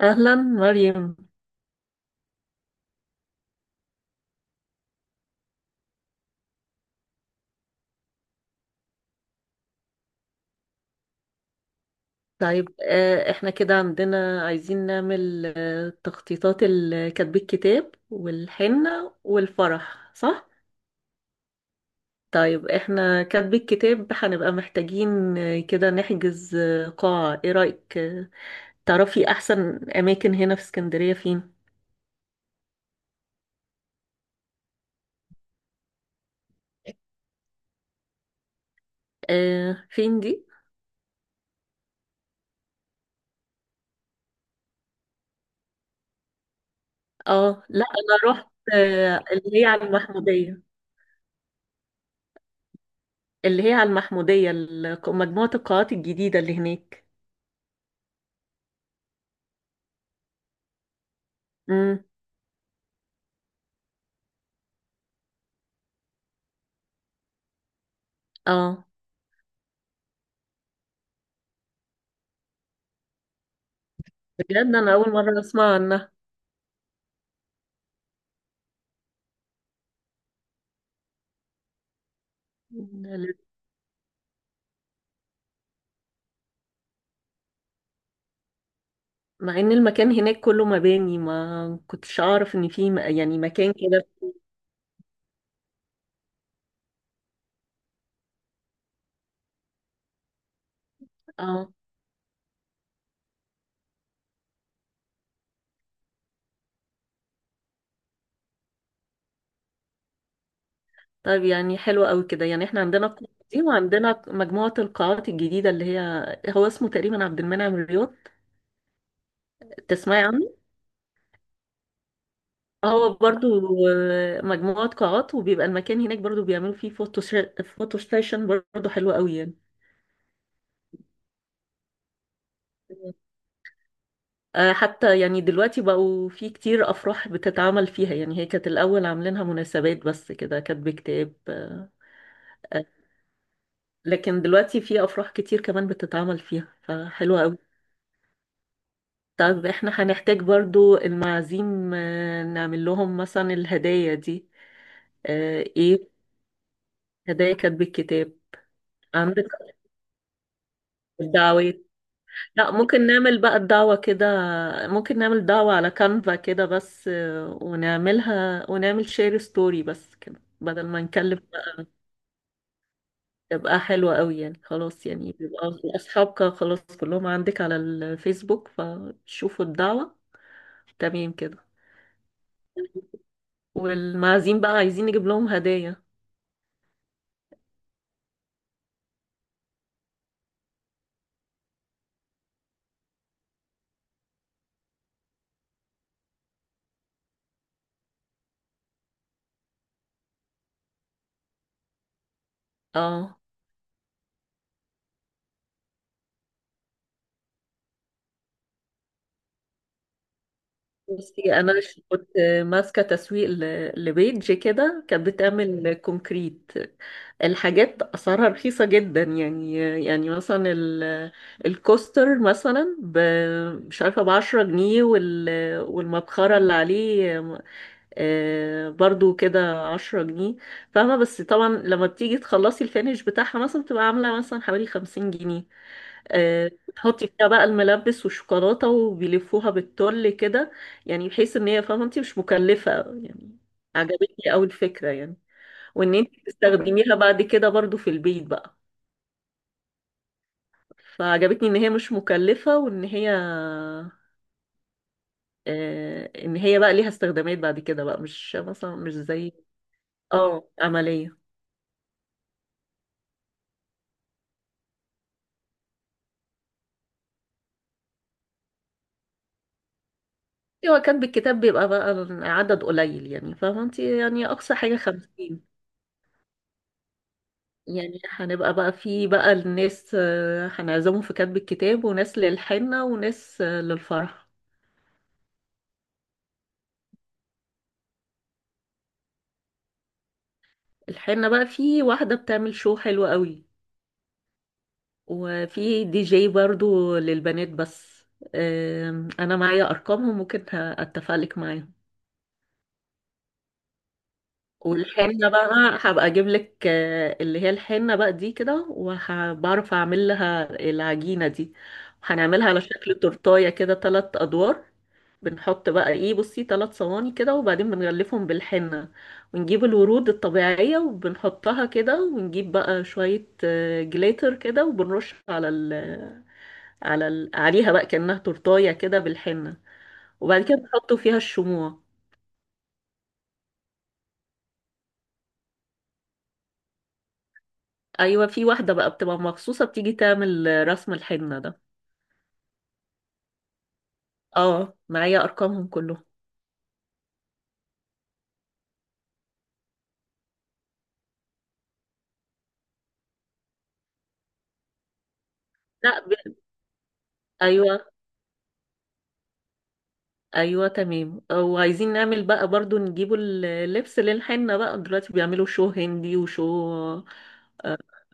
أهلا مريم. طيب، احنا كده عندنا عايزين نعمل تخطيطات كتب الكتاب والحنة والفرح، صح؟ طيب، احنا كتب الكتاب هنبقى محتاجين كده نحجز قاعة. ايه رأيك؟ تعرفي أحسن أماكن هنا في اسكندرية فين؟ آه، فين دي؟ اه، لا، أنا رحت اللي هي على المحمودية. اللي هي على المحمودية، مجموعة القاعات الجديدة اللي هناك. امم. اه. بجد، انا اول مره اسمع عنها. مع ان المكان هناك كله مباني، ما كنتش اعرف ان في يعني مكان كده. اه. طيب، يعني حلو قوي كده. يعني احنا عندنا القاعه دي وعندنا مجموعه القاعات الجديده اللي هي. هو اسمه تقريبا عبد المنعم الرياض. تسمعي عنه؟ هو برضو مجموعه قاعات، وبيبقى المكان هناك برضو بيعملوا فيه فوتو ستيشن. برضو حلو قوي يعني. حتى يعني دلوقتي بقوا في كتير أفراح بتتعمل فيها. يعني هي كانت الأول عاملينها مناسبات بس كده، كاتب كتاب. آه، لكن دلوقتي في أفراح كتير كمان بتتعمل فيها، فحلوة أوي. طب احنا هنحتاج برضو المعازيم، نعمل لهم مثلا الهدايا دي. ايه. هدايا كاتب الكتاب. عندك الدعوات. لا، ممكن نعمل بقى الدعوة كده. ممكن نعمل دعوة على كانفا كده بس، ونعملها ونعمل شير ستوري بس كده، بدل ما نكلم بقى. تبقى حلوة قوي يعني. خلاص، يعني بيبقى أصحابك خلاص كلهم عندك على الفيسبوك، فشوفوا الدعوة. تمام كده. والمعازيم بقى عايزين نجيب لهم هدايا. اه، بصي. انا كنت ماسكه تسويق لبيج كده كانت بتعمل كونكريت. الحاجات اسعارها رخيصه جدا يعني. يعني مثلا الكوستر مثلا مش عارفه ب 10 جنيه. والمبخره اللي عليه برضو كده 10 جنيه. فاهمه؟ بس طبعا لما بتيجي تخلصي الفينش بتاعها مثلا بتبقى عامله مثلا حوالي 50 جنيه. بتحطي فيها بقى الملبس والشوكولاتة وبيلفوها بالتل كده. يعني بحيث ان هي فاهمة انت مش مكلفة يعني. عجبتني قوي الفكرة يعني. وان انت تستخدميها بعد كده برضو في البيت بقى. فعجبتني ان هي مش مكلفة وان هي ان هي بقى ليها استخدامات بعد كده بقى، مش مثلا مش زي. اه، عملية. هو كان بالكتاب بيبقى بقى عدد قليل يعني، فاهمة انت؟ يعني اقصى حاجة 50. يعني هنبقى بقى في بقى الناس، هنعزمهم في كتب الكتاب وناس للحنة وناس للفرح. الحنة بقى في واحدة بتعمل شو حلو قوي. وفي دي جي برضو للبنات بس. انا معايا ارقامهم ممكن اتفق لك معاهم. والحنة بقى، هبقى اجيب لك اللي هي الحنة بقى دي كده، وبعرف اعمل لها العجينة دي. هنعملها على شكل تورتاية كده، ثلاث ادوار. بنحط بقى ايه؟ بصي، ثلاث صواني كده، وبعدين بنغلفهم بالحنة. ونجيب الورود الطبيعية وبنحطها كده، ونجيب بقى شوية جليتر كده، وبنرش على ال على ال عليها بقى كأنها تورتاية كده بالحنة. وبعد كده بنحطوا فيها الشموع. ايوه، في واحدة بقى بتبقى مخصوصة بتيجي تعمل رسم الحنة ده. اه، معايا ارقامهم كلهم. لا، ايوه. ايوه، تمام. وعايزين نعمل بقى برضو نجيبوا اللبس للحنة بقى، دلوقتي بيعملوا شو هندي وشو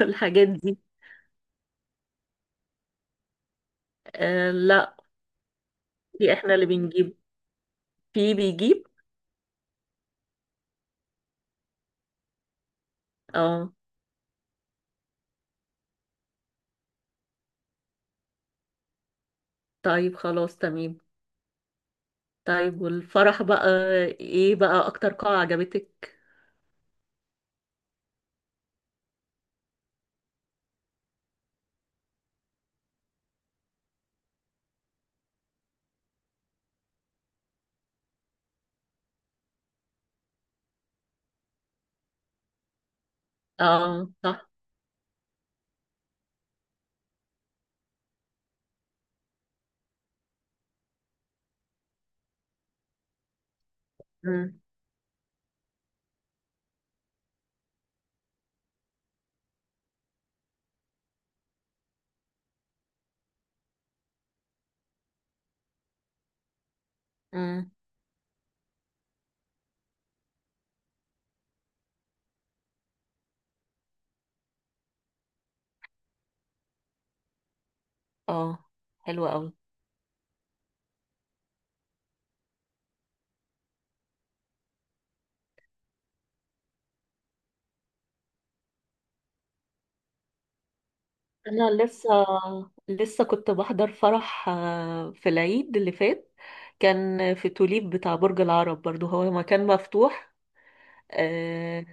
الحاجات دي. آه، لا، دي احنا اللي بنجيب. في بيجيب. اه. طيب، خلاص تمام. طيب، والفرح بقى، ايه بقى اكتر قاعة عجبتك؟ اه، صح. امم. امم. اه، حلو قوي. انا لسه كنت بحضر فرح في العيد اللي فات. كان في توليب بتاع برج العرب، برضو هو مكان مفتوح. اه.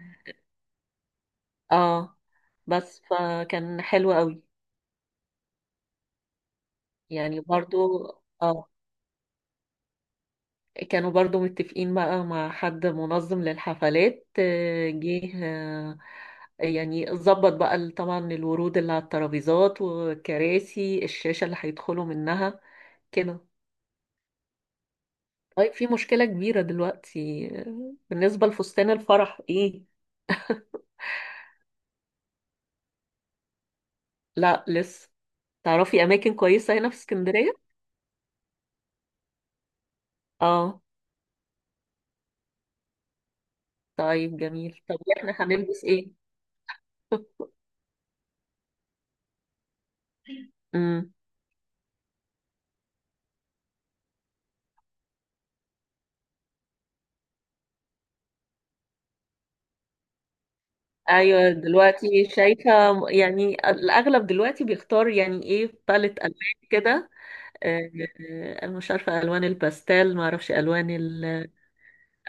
آه. بس، فكان حلو قوي. يعني برضو. اه. كانوا برضو متفقين بقى مع حد منظم للحفلات، جه. يعني ظبط بقى طبعا الورود اللي على الترابيزات والكراسي، الشاشة اللي هيدخلوا منها كده. طيب، في مشكلة كبيرة دلوقتي بالنسبة لفستان الفرح ايه. لا، لسه. تعرفي أماكن كويسة هنا في اسكندرية؟ اه. طيب، جميل. طب احنا هنلبس ايه؟ مم. ايوه، دلوقتي شايفه. يعني الاغلب دلوقتي بيختار يعني ايه، باليت الوان كده. آه، انا مش عارفه الوان الباستيل، ما اعرفش الوان.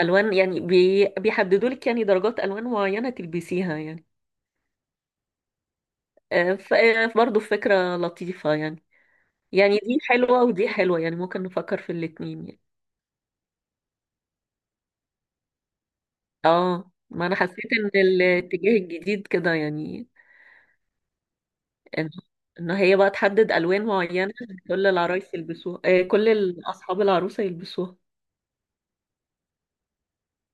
الالوان يعني بيحددوا لك يعني درجات الوان معينه تلبسيها يعني. فبرضه فكره لطيفه يعني. يعني دي حلوه ودي حلوه، يعني ممكن نفكر في الاتنين يعني. اه، ما انا حسيت ان الاتجاه الجديد كده يعني. ان إن هي بقى تحدد الوان معينه. كل العرايس يلبسوها، كل اصحاب العروسه يلبسوها.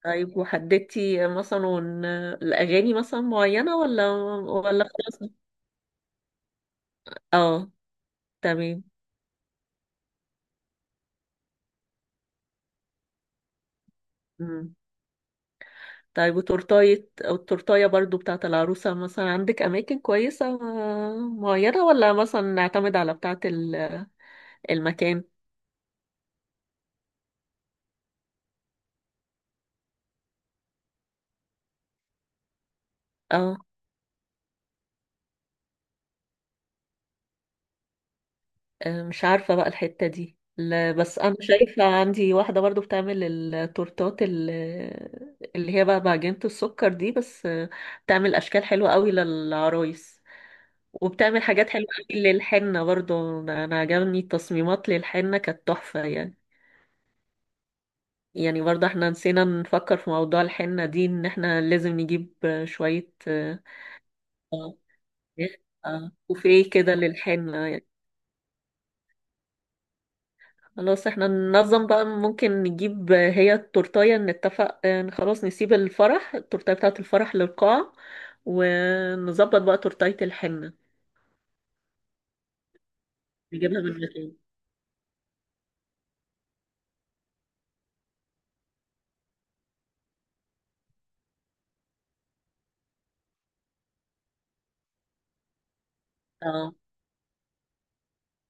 طيب، وحددتي مثلا الاغاني مثلا معينه، ولا ولا خلاص؟ اه. تمام. مم. طيب، وتورتاية أو التورتاية برضو بتاعة العروسة، مثلا عندك أماكن كويسة معينة، ولا مثلا نعتمد على بتاعة المكان؟ اه. مش عارفة بقى الحتة دي، لا، بس أنا شايفة عندي واحدة برضو بتعمل التورتات اللي هي بقى بعجينة السكر دي، بس بتعمل أشكال حلوة قوي للعرايس. وبتعمل حاجات حلوة قوي للحنة برضو. أنا عجبني التصميمات للحنة كانت تحفة يعني. يعني برضه احنا نسينا نفكر في موضوع الحنة دي، ان احنا لازم نجيب شوية كوفيه كده للحنة. خلاص، احنا ننظم بقى، ممكن نجيب هي التورتاية، نتفق خلاص نسيب الفرح التورتاية بتاعة الفرح للقاعة. ونظبط بقى تورتاية الحنة، نجيبها من مكان. اه.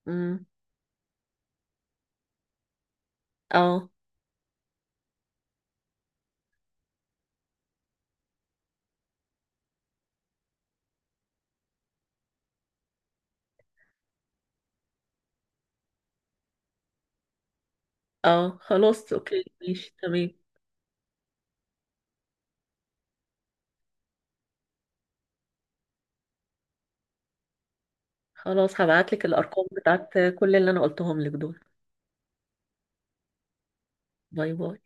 امم. اه. اه. خلاص، اوكي، ماشي، تمام. خلاص، هبعتلك الأرقام بتاعت كل اللي أنا قلتهم لك دول. باي باي.